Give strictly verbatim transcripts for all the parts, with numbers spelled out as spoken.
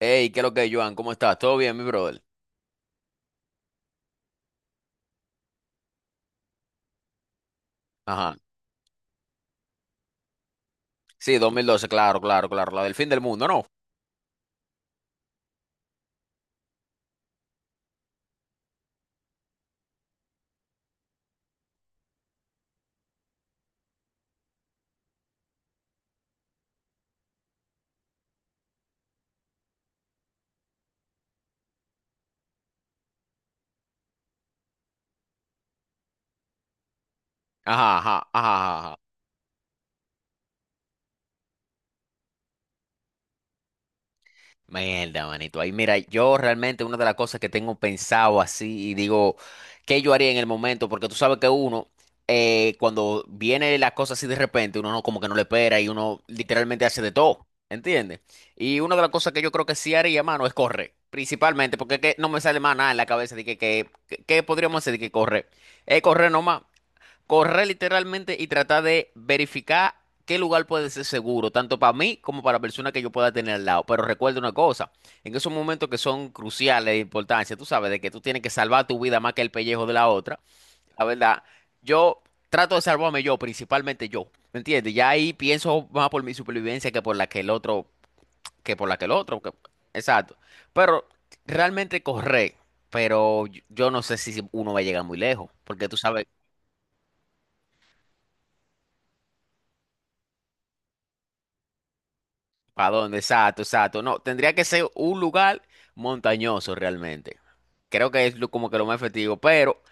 Hey, ¿qué es lo que es, Joan? ¿Cómo estás? ¿Todo bien, mi brother? Ajá. Sí, dos mil doce, claro, claro, claro. La del fin del mundo, ¿no? Ajá, ajá, ajá, ajá. Mierda, manito. Ahí, mira, yo realmente una de las cosas que tengo pensado así y digo, ¿qué yo haría en el momento? Porque tú sabes que uno, eh, cuando viene las cosas así de repente, uno no, como que no le espera y uno literalmente hace de todo, ¿entiendes? Y una de las cosas que yo creo que sí haría, mano, es correr. Principalmente, porque es que no me sale más nada en la cabeza de que, que, que- ¿qué podríamos hacer de que correr? Es correr nomás. Correr literalmente y tratar de verificar qué lugar puede ser seguro, tanto para mí como para la persona que yo pueda tener al lado. Pero recuerda una cosa, en esos momentos que son cruciales de importancia, tú sabes, de que tú tienes que salvar tu vida más que el pellejo de la otra, la verdad, yo trato de salvarme yo, principalmente yo, ¿me entiendes? Ya ahí pienso más por mi supervivencia que por la que el otro, que por la que el otro, que- exacto. Pero realmente correr, pero yo yo no sé si uno va a llegar muy lejos, porque tú sabes. ¿Para dónde? Exacto, exacto. No, tendría que ser un lugar montañoso realmente. Creo que es lo- como que lo más efectivo, pero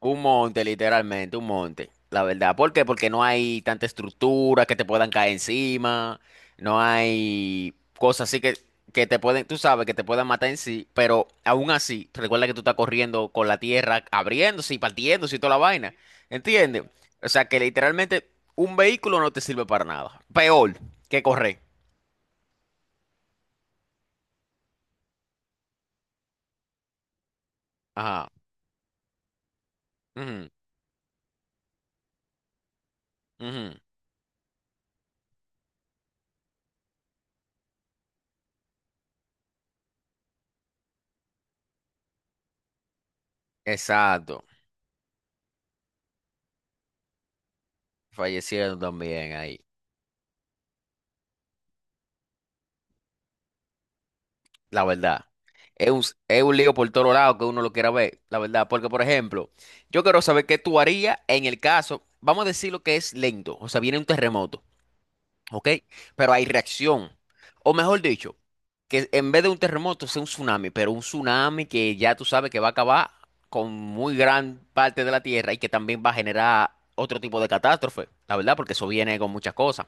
un monte, literalmente, un monte. La verdad. ¿Por qué? Porque no hay tanta estructura que te puedan caer encima. No hay cosas así que, que te pueden, tú sabes, que te puedan matar en sí. Pero aún así, recuerda que tú estás corriendo con la tierra abriéndose y partiéndose y toda la vaina. ¿Entiendes? O sea que literalmente un vehículo no te sirve para nada. Peor que correr. Ajá. Ujú, ujú. Exacto. Fallecieron también ahí. La verdad. Es un, es un lío por todo lado que uno lo quiera ver, la verdad. Porque, por ejemplo, yo quiero saber qué tú harías en el caso, vamos a decir lo que es lento, o sea, viene un terremoto, ¿ok? Pero hay reacción. O mejor dicho, que en vez de un terremoto sea un tsunami, pero un tsunami que ya tú sabes que va a acabar con muy gran parte de la tierra y que también va a generar otro tipo de catástrofe, la verdad, porque eso viene con muchas cosas.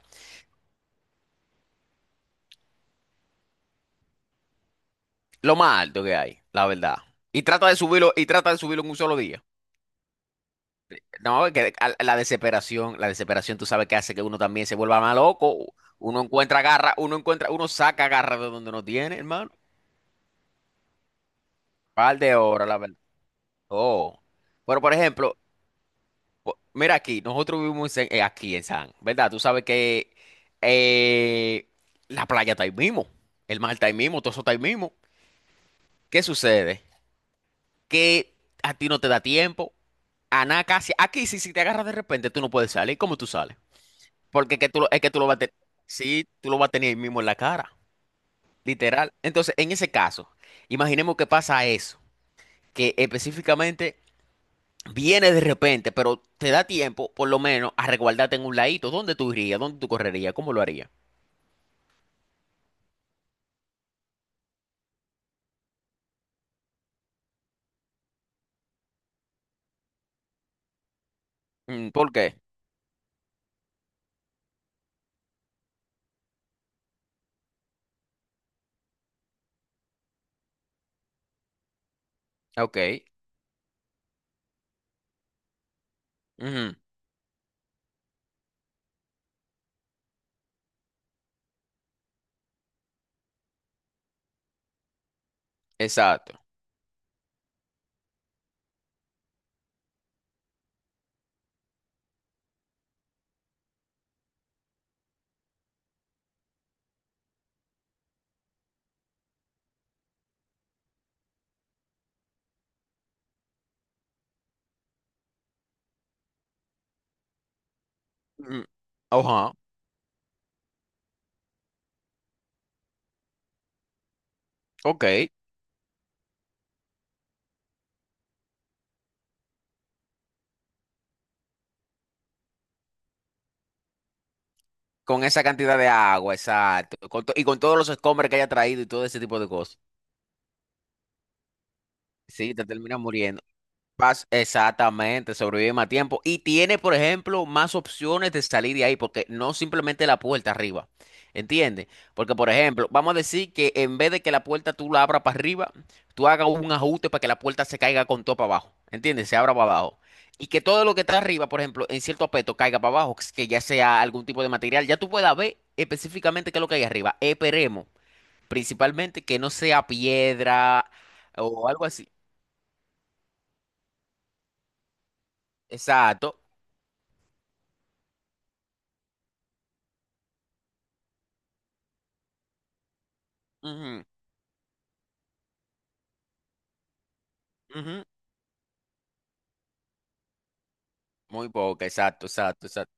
Lo más alto que hay, la verdad. Y trata de subirlo, y trata de subirlo en un solo día. No, que a- la desesperación, la desesperación, tú sabes que hace que uno también se vuelva más loco. Uno encuentra garra, uno encuentra, uno saca garra de donde no tiene, hermano. Par de horas, la verdad. Oh. Pero por ejemplo, po- mira aquí, nosotros vivimos en- eh, aquí en San, ¿verdad? Tú sabes que eh, la playa está ahí mismo, el mar está ahí mismo, todo eso está ahí mismo. ¿Qué sucede? Que a ti no te da tiempo. A nada casi. Aquí sí, si te agarras de repente, tú no puedes salir. ¿Cómo tú sales? Porque que tú, lo- es que tú lo vas a tener. Sí, tú lo vas a tener ahí mismo en la cara. Literal. Entonces, en ese caso, imaginemos que pasa eso. Que específicamente viene de repente, pero te da tiempo, por lo menos, a resguardarte en un ladito. ¿Dónde tú irías? ¿Dónde tú correrías? ¿Cómo lo harías? Mm, ¿Por qué? Ok. Ujú. Exacto. Mm. Ajá. Ok. Con esa cantidad de agua, exacto. Con to- y con todos los escombros que haya traído y todo ese tipo de cosas. Sí, te terminas muriendo. Vas exactamente, sobrevive más tiempo y tiene, por ejemplo, más opciones de salir de ahí, porque no simplemente la puerta arriba, ¿entiendes? Porque, por ejemplo, vamos a decir que en vez de que la puerta tú la abras para arriba, tú hagas un ajuste para que la puerta se caiga con todo para abajo, ¿entiendes? Se abra para abajo. Y que todo lo que está arriba, por ejemplo, en cierto aspecto caiga para abajo, que ya sea algún tipo de material, ya tú puedas ver específicamente qué es lo que hay arriba. Esperemos, principalmente, que no sea piedra o algo así. Exacto. Ujú. Ujú. Muy poca, exacto, exacto, exacto,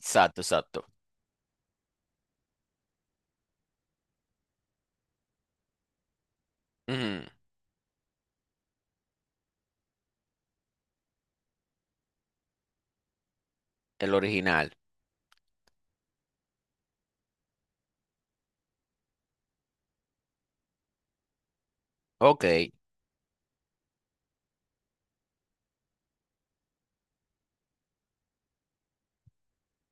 exacto, exacto. Ujú. El original. Ok.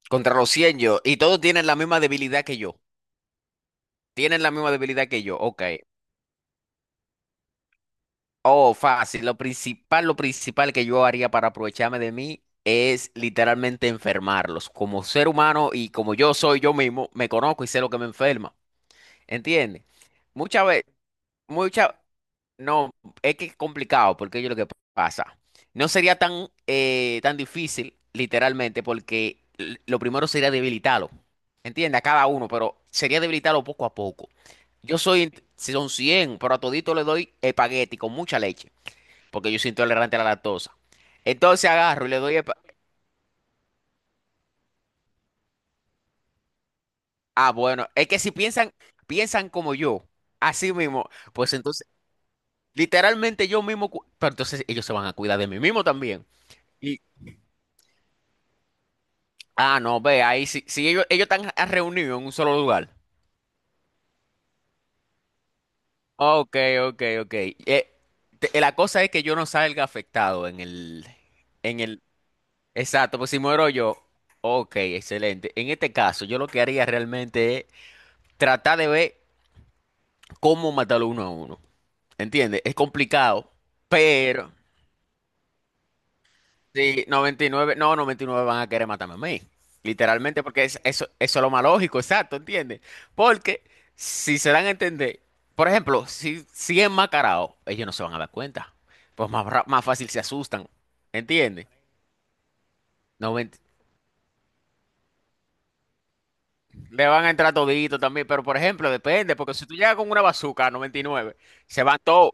Contra los cien yo. Y todos tienen la misma debilidad que yo. Tienen la misma debilidad que yo. Ok. Oh, fácil. Lo principal, lo principal que yo haría para aprovecharme de mí es literalmente enfermarlos. Como ser humano y como yo soy yo mismo, me conozco y sé lo que me enferma. ¿Entiendes? Muchas veces. Mucha, no, es que es complicado, porque yo lo que pasa. No sería tan, eh, tan difícil, literalmente, porque l- lo primero sería debilitarlo. Entiende, a cada uno, pero sería debilitarlo poco a poco. Yo soy, si son cien pero a todito le doy espagueti con mucha leche, porque yo soy intolerante a la lactosa. Entonces agarro y le doy espa- Ah, bueno, es que si piensan, piensan como yo, así mismo, pues entonces, literalmente yo mismo, cu- pero entonces ellos se van a cuidar de mí mismo también. Ah, no, ve, ahí sí, sí ellos, ellos están a- reunidos en un solo lugar. Ok, ok, ok. Eh, te- la cosa es que yo no salga afectado en el, en el, exacto, pues si muero yo, ok, excelente. En este caso, yo lo que haría realmente es tratar de ver cómo matarlo uno a uno. ¿Entiendes? Es complicado, pero sí, noventa y nueve no, noventa y nueve van a querer matarme a mí. Literalmente, porque es, eso, eso es lo más lógico, exacto, ¿entiendes? Porque si se dan a entender, por ejemplo, si, si es enmascarado, ellos no se van a dar cuenta. Pues más, ra- más fácil se asustan, ¿entiendes? Noventa le van a entrar todito también, pero por ejemplo, depende, porque si tú llegas con una bazooka a noventa y nueve se van todos,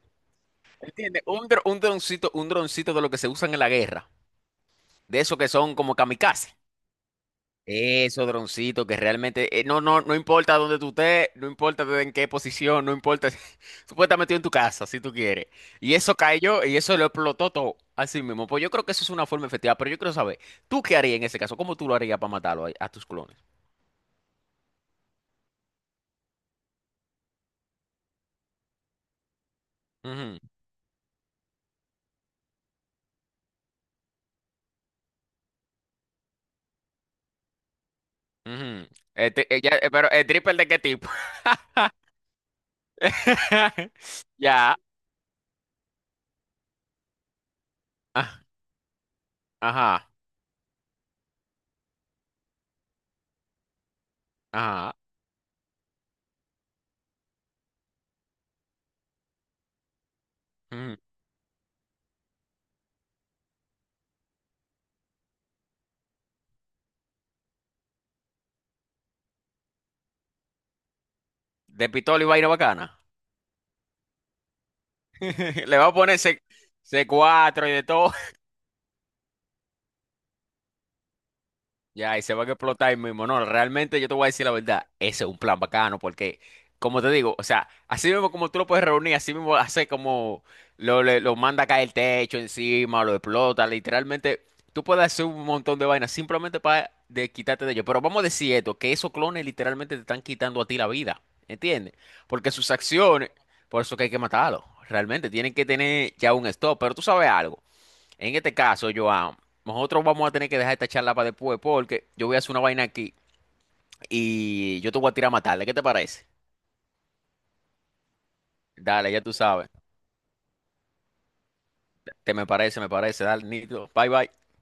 ¿entiendes? Un, dro- un droncito, un droncito de lo que se usan en la guerra, de esos que son como kamikaze. Eso, droncito, que realmente eh, no, no, no importa dónde tú estés, no importa en qué posición, no importa. Tú puedes estar metido en tu casa si tú quieres. Y eso cayó y eso lo explotó todo. Así mismo. Pues yo creo que eso es una forma efectiva, pero yo quiero saber, ¿tú qué harías en ese caso? ¿Cómo tú lo harías para matarlo a, a tus clones? Ujú, ujú. Este, eh, ya, eh, ¿pero el triple de qué tipo? Ya. Ah, ajá. Ajá. Ujú. De pistola y vaina bacana. Le va a poner C cuatro y de todo. Ya, y se van a explotar ahí mismo. No, realmente yo te voy a decir la verdad. Ese es un plan bacano porque, como te digo, o sea, así mismo como tú lo puedes reunir, así mismo hace como lo, le- lo manda a caer el techo encima, lo explota. Literalmente, tú puedes hacer un montón de vainas simplemente para de, quitarte de ellos. Pero vamos a decir esto, que esos clones literalmente te están quitando a ti la vida. ¿Entiendes? Porque sus acciones, por eso que hay que matarlos. Realmente, tienen que tener ya un stop. Pero tú sabes algo. En este caso, Joan, nosotros vamos a tener que dejar esta charla para después porque yo voy a hacer una vaina aquí y yo te voy a tirar a matarle. ¿Qué te parece? Dale, ya tú sabes. Te me parece, me parece. Dale, Nito. Bye, bye.